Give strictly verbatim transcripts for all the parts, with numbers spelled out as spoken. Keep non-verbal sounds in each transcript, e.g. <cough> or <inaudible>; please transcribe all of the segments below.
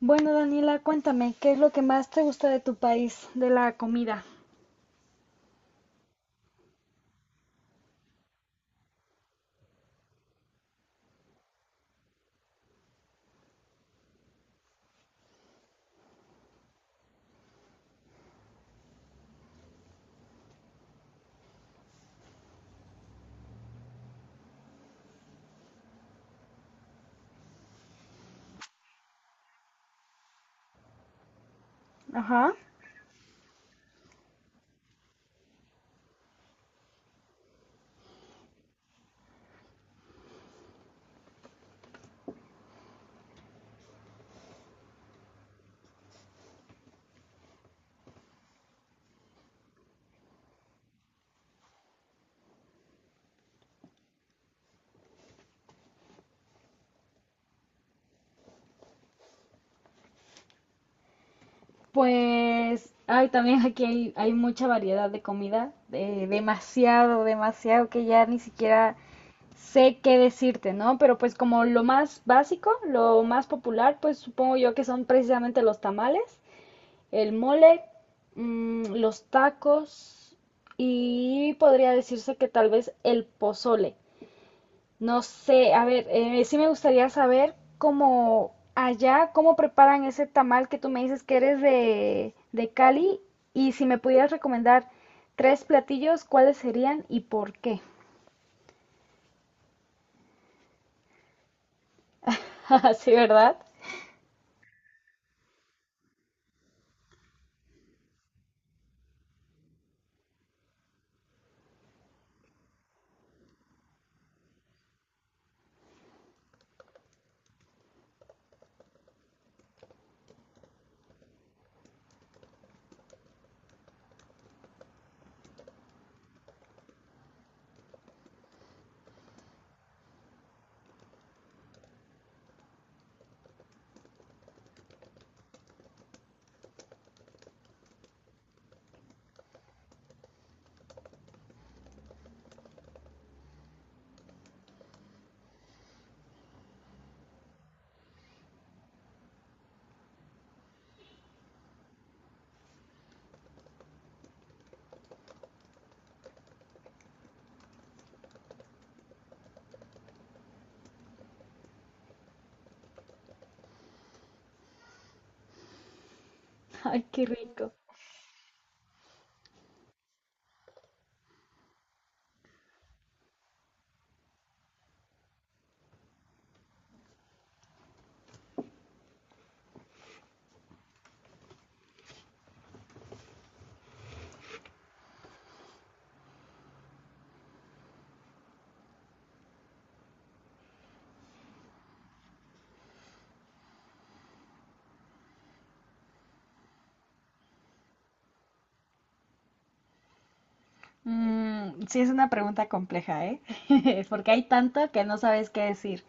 Bueno, Daniela, cuéntame, ¿qué es lo que más te gusta de tu país, de la comida? Ajá. Pues, ay, también aquí hay, hay mucha variedad de comida, eh, demasiado, demasiado, que ya ni siquiera sé qué decirte, ¿no? Pero pues como lo más básico, lo más popular, pues supongo yo que son precisamente los tamales, el mole, mm, los tacos y podría decirse que tal vez el pozole. No sé, a ver, eh, sí me gustaría saber cómo allá, cómo preparan ese tamal que tú me dices que eres de, de Cali y si me pudieras recomendar tres platillos, ¿cuáles serían y por qué? <laughs> Sí, ¿verdad? Ay, qué rico. Mm, sí, es una pregunta compleja, ¿eh? <laughs> Porque hay tanto que no sabes qué decir.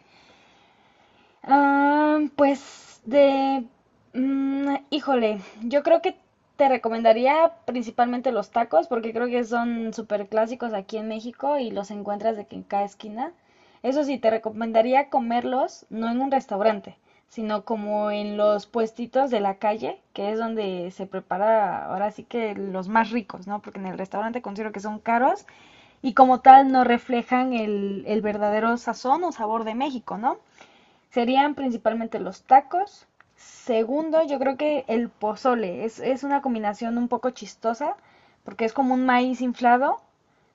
Ah, pues de... mm, híjole, yo creo que te recomendaría principalmente los tacos porque creo que son súper clásicos aquí en México y los encuentras de que en cada esquina. Eso sí, te recomendaría comerlos no en un restaurante, sino como en los puestitos de la calle, que es donde se prepara ahora sí que los más ricos, ¿no? Porque en el restaurante considero que son caros y como tal no reflejan el, el verdadero sazón o sabor de México, ¿no? Serían principalmente los tacos. Segundo, yo creo que el pozole. Es, es una combinación un poco chistosa, porque es como un maíz inflado,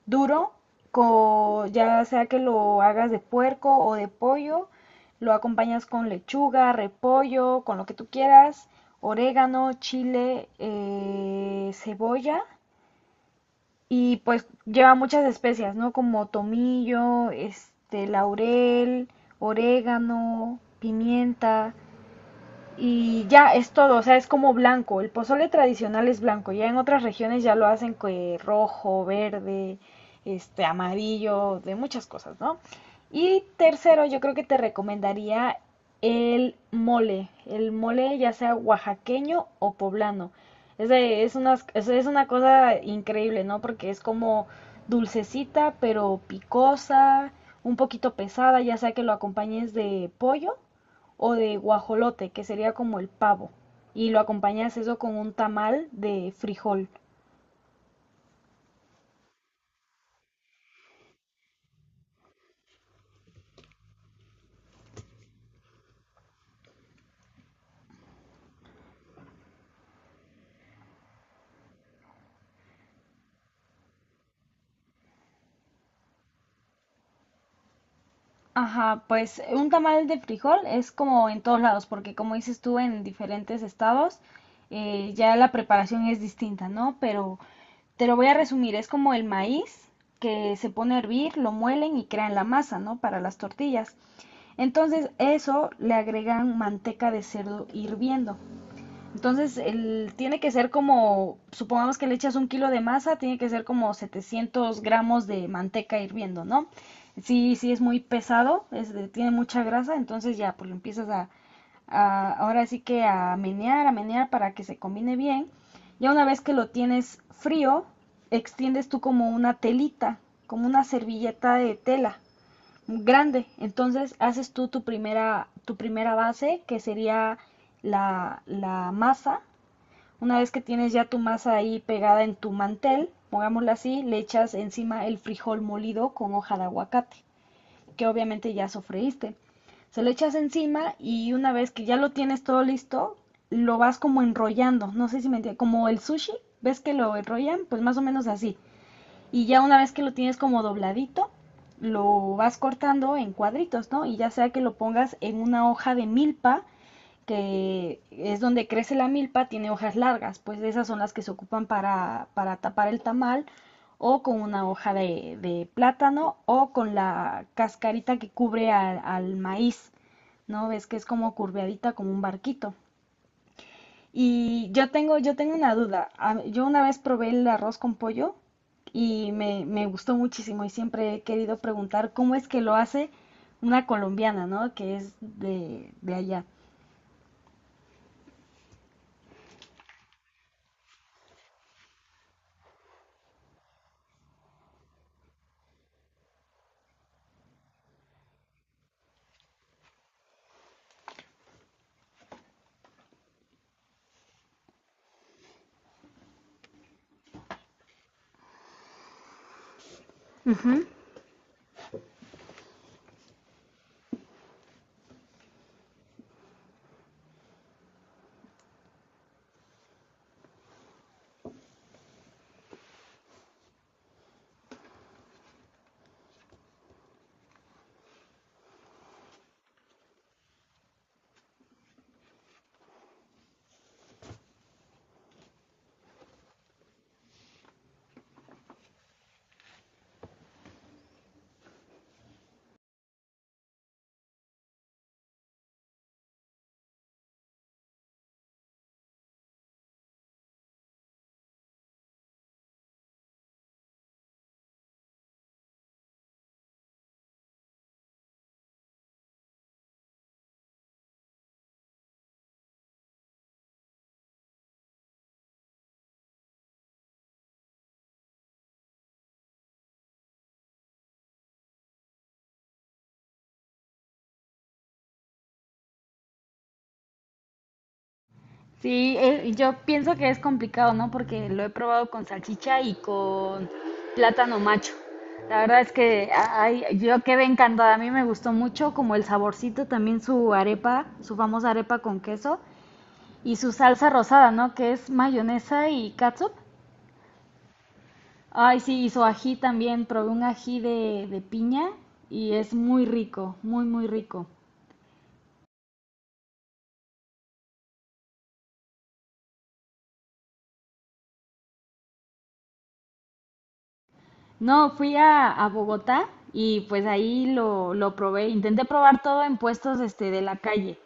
duro, co- ya sea que lo hagas de puerco o de pollo, lo acompañas con lechuga, repollo, con lo que tú quieras, orégano, chile, eh, cebolla y pues lleva muchas especias, ¿no? Como tomillo, este, laurel, orégano, pimienta y ya es todo, o sea, es como blanco. El pozole tradicional es blanco, ya en otras regiones ya lo hacen que rojo, verde, este amarillo, de muchas cosas, ¿no? Y tercero, yo creo que te recomendaría el mole, el mole ya sea oaxaqueño o poblano. Es, de- es, unas- es- es una cosa increíble, ¿no? Porque es como dulcecita, pero picosa, un poquito pesada, ya sea que lo acompañes de pollo o de guajolote, que sería como el pavo. Y lo acompañas eso con un tamal de frijol. Ajá, pues un tamal de frijol es como en todos lados, porque como dices tú, en diferentes estados eh, ya la preparación es distinta, ¿no? Pero te lo voy a resumir, es como el maíz que se pone a hervir, lo muelen y crean la masa, ¿no? Para las tortillas. Entonces eso le agregan manteca de cerdo hirviendo. Entonces, el, tiene que ser como, supongamos que le echas un kilo de masa, tiene que ser como setecientos gramos de manteca hirviendo, ¿no? Sí, sí es muy pesado, es de- tiene mucha grasa, entonces ya, pues lo empiezas a, a- ahora sí que a menear, a menear para que se combine bien. Ya una vez que lo tienes frío, extiendes tú como una telita, como una servilleta de tela grande. Entonces haces tú tu primera, tu primera base, que sería la, la masa. Una vez que tienes ya tu masa ahí pegada en tu mantel, pongámoslo así, le echas encima el frijol molido con hoja de aguacate, que obviamente ya sofreíste. Se lo echas encima y una vez que ya lo tienes todo listo, lo vas como enrollando. No sé si me entiendes, como el sushi, ¿ves que lo enrollan? Pues más o menos así y ya una vez que lo tienes como dobladito, lo vas cortando en cuadritos, ¿no? Y ya sea que lo pongas en una hoja de milpa, que es donde crece la milpa, tiene hojas largas, pues esas son las que se ocupan para, para tapar el tamal, o con una hoja de, de plátano, o con la cascarita que cubre al, al maíz, ¿no? Ves que es como curveadita, como un barquito. Y yo tengo, yo tengo una duda. A- Yo una vez probé el arroz con pollo y me, me gustó muchísimo y siempre he querido preguntar cómo es que lo hace una colombiana, ¿no? Que es de, de allá. Ujú. Sí, eh, yo pienso que es complicado, ¿no? Porque lo he probado con salchicha y con plátano macho. La verdad es que ay, yo quedé encantada, a mí me gustó mucho, como el saborcito, también su arepa, su famosa arepa con queso, y su salsa rosada, ¿no? Que es mayonesa y catsup. Ay, sí, y su ají también. Probé un ají de, de piña y es muy rico, muy, muy rico. No, fui a, a Bogotá y pues ahí lo, lo probé. Intenté probar todo en puestos este, de la calle.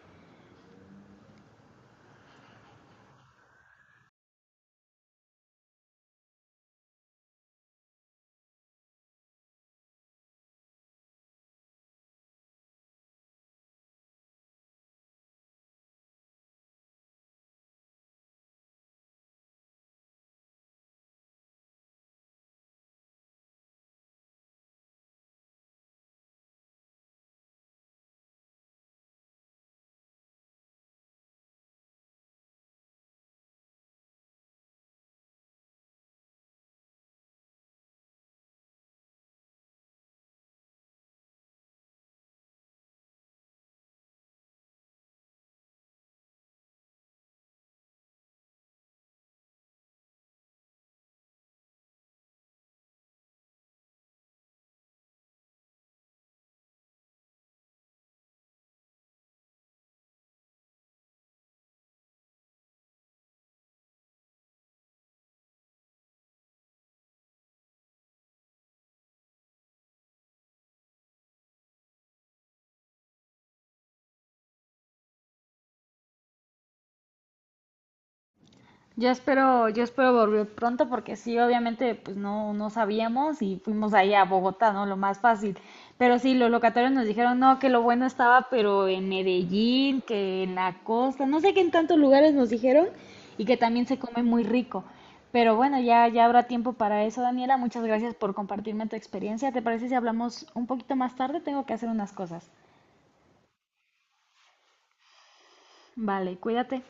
Yo espero, yo espero volver pronto porque sí, obviamente, pues no, no sabíamos y fuimos ahí a Bogotá, ¿no? Lo más fácil. Pero sí, los locatarios nos dijeron, no, que lo bueno estaba, pero en Medellín, que en la costa, no sé qué en tantos lugares nos dijeron y que también se come muy rico. Pero bueno, ya, ya habrá tiempo para eso, Daniela. Muchas gracias por compartirme tu experiencia. ¿Te parece si hablamos un poquito más tarde? Tengo que hacer unas cosas. Vale, cuídate.